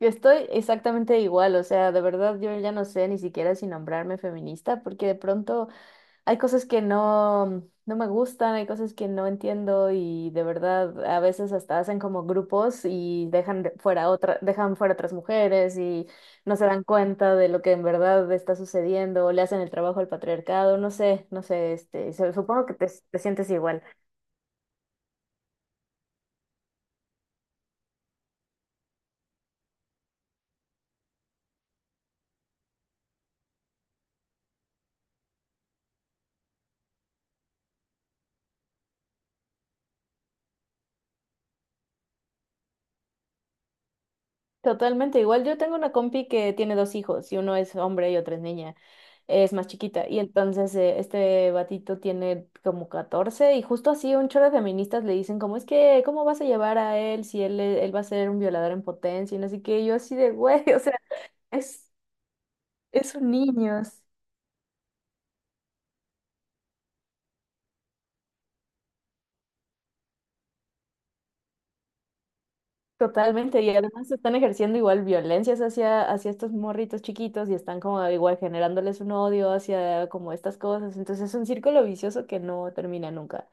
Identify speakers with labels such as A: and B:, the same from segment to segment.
A: Yo estoy exactamente igual, o sea, de verdad yo ya no sé ni siquiera si nombrarme feminista, porque de pronto hay cosas que no, no me gustan, hay cosas que no entiendo y de verdad a veces hasta hacen como grupos y dejan fuera otras mujeres y no se dan cuenta de lo que en verdad está sucediendo, o le hacen el trabajo al patriarcado, no sé, no sé. Supongo que te sientes igual. Totalmente, igual yo tengo una compi que tiene dos hijos y uno es hombre y otro es niña, es más chiquita y entonces este batito tiene como 14 y justo así un chorro de feministas le dicen como es que ¿cómo vas a llevar a él si él va a ser un violador en potencia? Y no sé qué, y yo así de güey, o sea, es, es un niño. Totalmente, y además están ejerciendo igual violencias hacia estos morritos chiquitos y están como igual generándoles un odio hacia como estas cosas, entonces es un círculo vicioso que no termina nunca.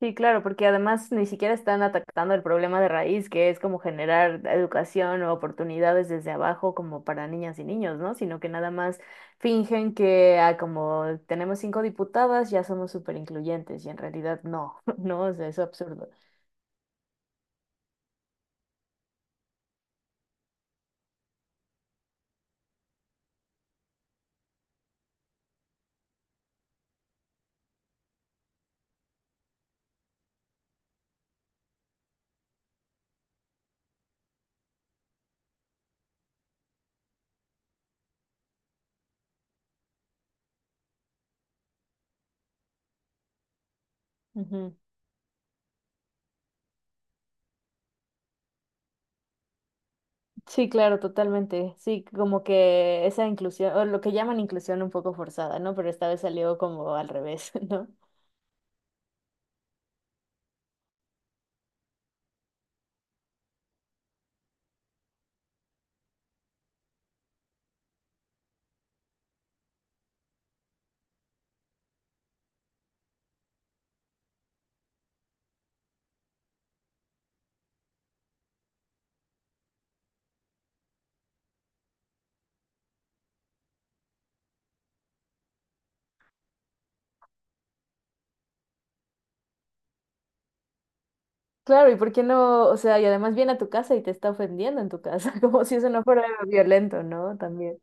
A: Sí, claro, porque además ni siquiera están atacando el problema de raíz, que es como generar educación o oportunidades desde abajo como para niñas y niños, ¿no? Sino que nada más fingen que como tenemos cinco diputadas, ya somos súper incluyentes y en realidad no, ¿no? O sea, es absurdo. Ujú. Sí, claro, totalmente. Sí, como que esa inclusión, o lo que llaman inclusión un poco forzada, ¿no? Pero esta vez salió como al revés, ¿no? Claro, ¿y por qué no? O sea, y además viene a tu casa y te está ofendiendo en tu casa, como si eso no fuera violento, ¿no? También.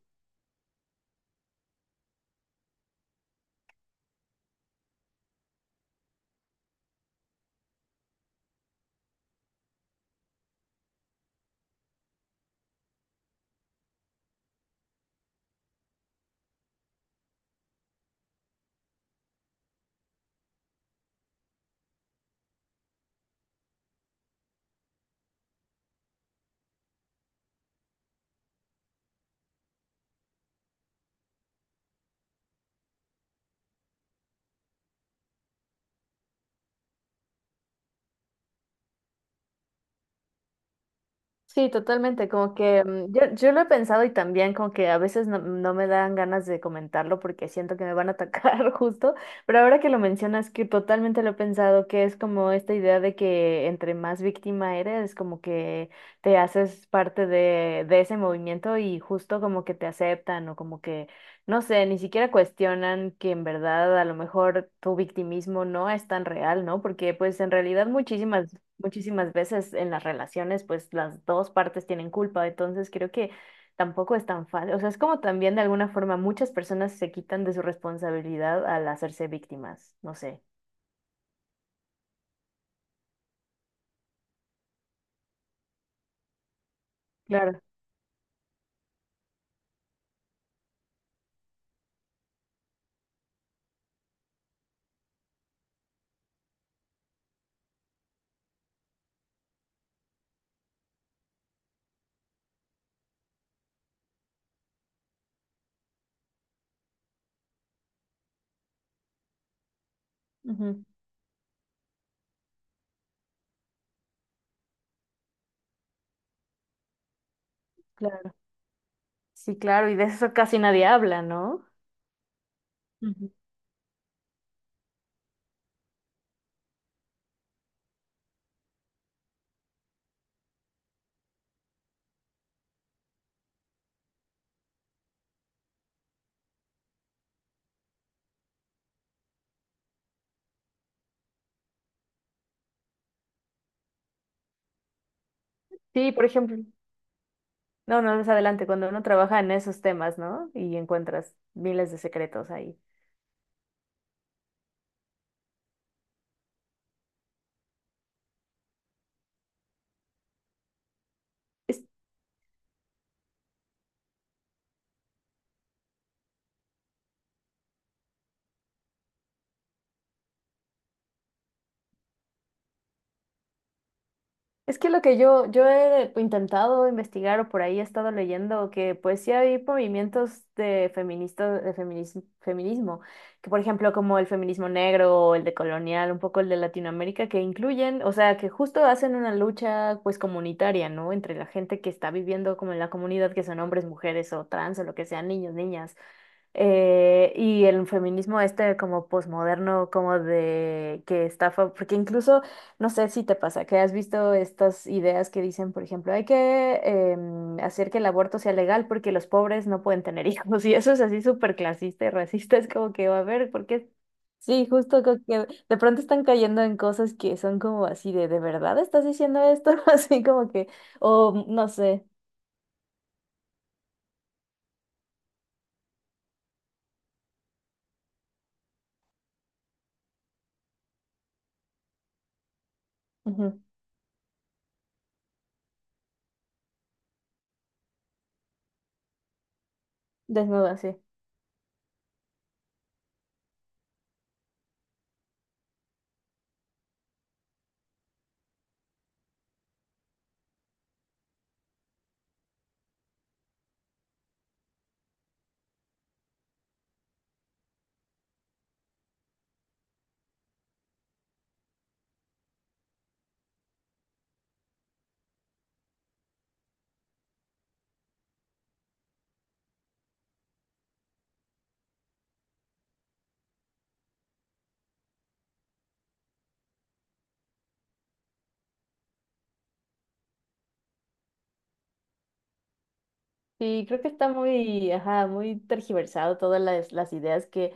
A: Sí, totalmente, como que yo lo he pensado y también como que a veces no, no me dan ganas de comentarlo porque siento que me van a atacar justo, pero ahora que lo mencionas que totalmente lo he pensado, que es como esta idea de que entre más víctima eres, como que te haces parte de ese movimiento y justo como que te aceptan o como que, no sé, ni siquiera cuestionan que en verdad a lo mejor tu victimismo no es tan real, ¿no? Porque pues en realidad muchísimas muchísimas veces en las relaciones, pues las dos partes tienen culpa, entonces creo que tampoco es tan fácil, o sea, es como también de alguna forma muchas personas se quitan de su responsabilidad al hacerse víctimas, no sé. Claro, ujú, claro. Sí, claro, y de eso casi nadie habla, ¿no? Ujú. Sí, por ejemplo, no, no, es adelante, cuando uno trabaja en esos temas, ¿no? Y encuentras miles de secretos ahí. Es que lo que yo he intentado investigar o por ahí he estado leyendo que pues sí hay movimientos de feminismo, que por ejemplo como el feminismo negro o el de colonial, un poco el de Latinoamérica, que incluyen, o sea, que justo hacen una lucha pues comunitaria, ¿no? Entre la gente que está viviendo como en la comunidad, que son hombres, mujeres o trans o lo que sean, niños, niñas. Y el feminismo este como posmoderno, como de que está, porque incluso, no sé si te pasa, que has visto estas ideas que dicen, por ejemplo, hay que hacer que el aborto sea legal porque los pobres no pueden tener hijos, y eso es así súper clasista y racista, es como que, a ver, porque sí, justo como que de pronto están cayendo en cosas que son como así ¿de verdad estás diciendo esto? Así como que, o no sé, ujú, desnuda, sí. Sí, creo que está muy, ajá, muy tergiversado todas las ideas que,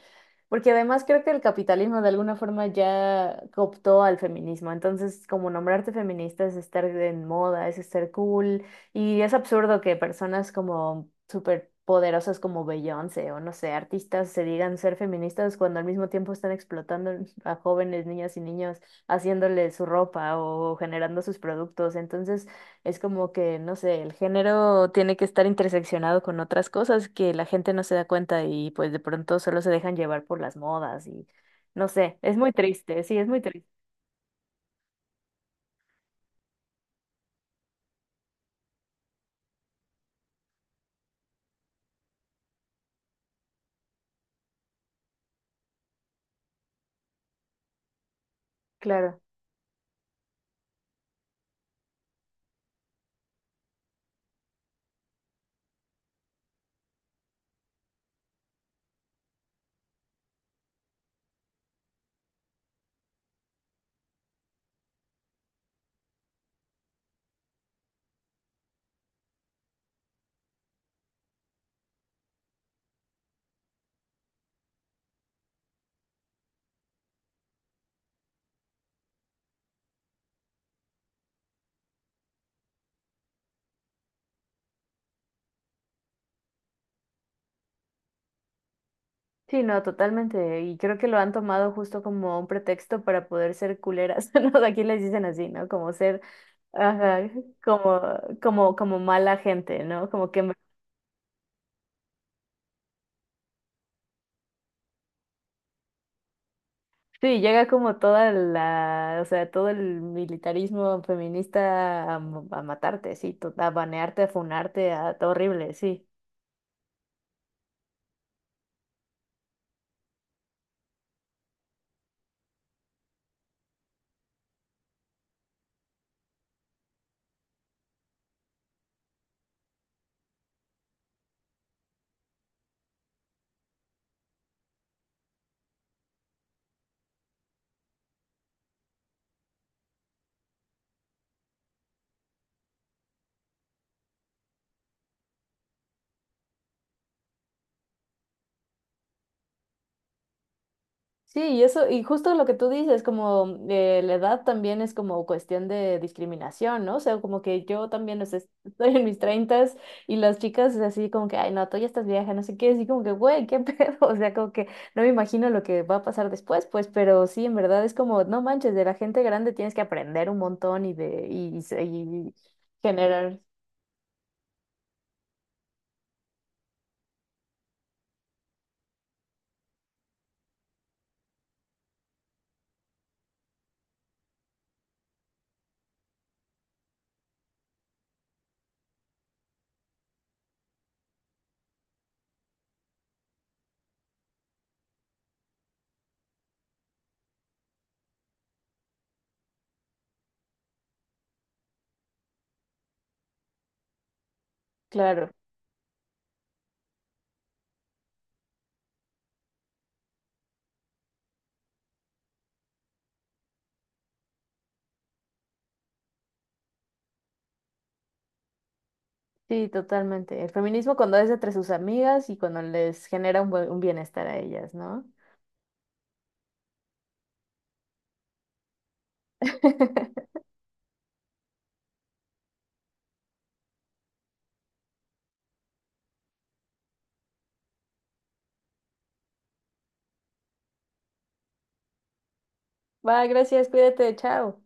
A: porque además creo que el capitalismo de alguna forma ya cooptó al feminismo, entonces como nombrarte feminista es estar en moda, es estar cool, y es absurdo que personas como súper poderosas como Beyoncé o no sé, artistas se digan ser feministas cuando al mismo tiempo están explotando a jóvenes, niñas y niños, haciéndoles su ropa o generando sus productos, entonces... Es como que, no sé, el género tiene que estar interseccionado con otras cosas que la gente no se da cuenta y pues de pronto solo se dejan llevar por las modas y no sé, es muy triste, sí, es muy triste, claro. Sí, no, totalmente. Y creo que lo han tomado justo como un pretexto para poder ser culeras, ¿no? Aquí les dicen así, ¿no? Como ser, ajá, como, como mala gente, ¿no? Como que sí, llega como o sea, todo el militarismo feminista a matarte, sí, a banearte, a funarte, horrible, sí. Sí, y eso, y justo lo que tú dices, como la edad también es como cuestión de discriminación, ¿no? O sea, como que yo también o sea, estoy en mis treintas y las chicas es así como que, ay, no, tú ya estás vieja, no sé qué, así como que, güey, qué pedo, o sea, como que no me imagino lo que va a pasar después, pues, pero sí, en verdad es como, no manches, de la gente grande tienes que aprender un montón y generar, claro, sí, totalmente. El feminismo cuando es entre sus amigas y cuando les genera un bienestar a ellas, ¿no? Va, gracias, cuídate, chao.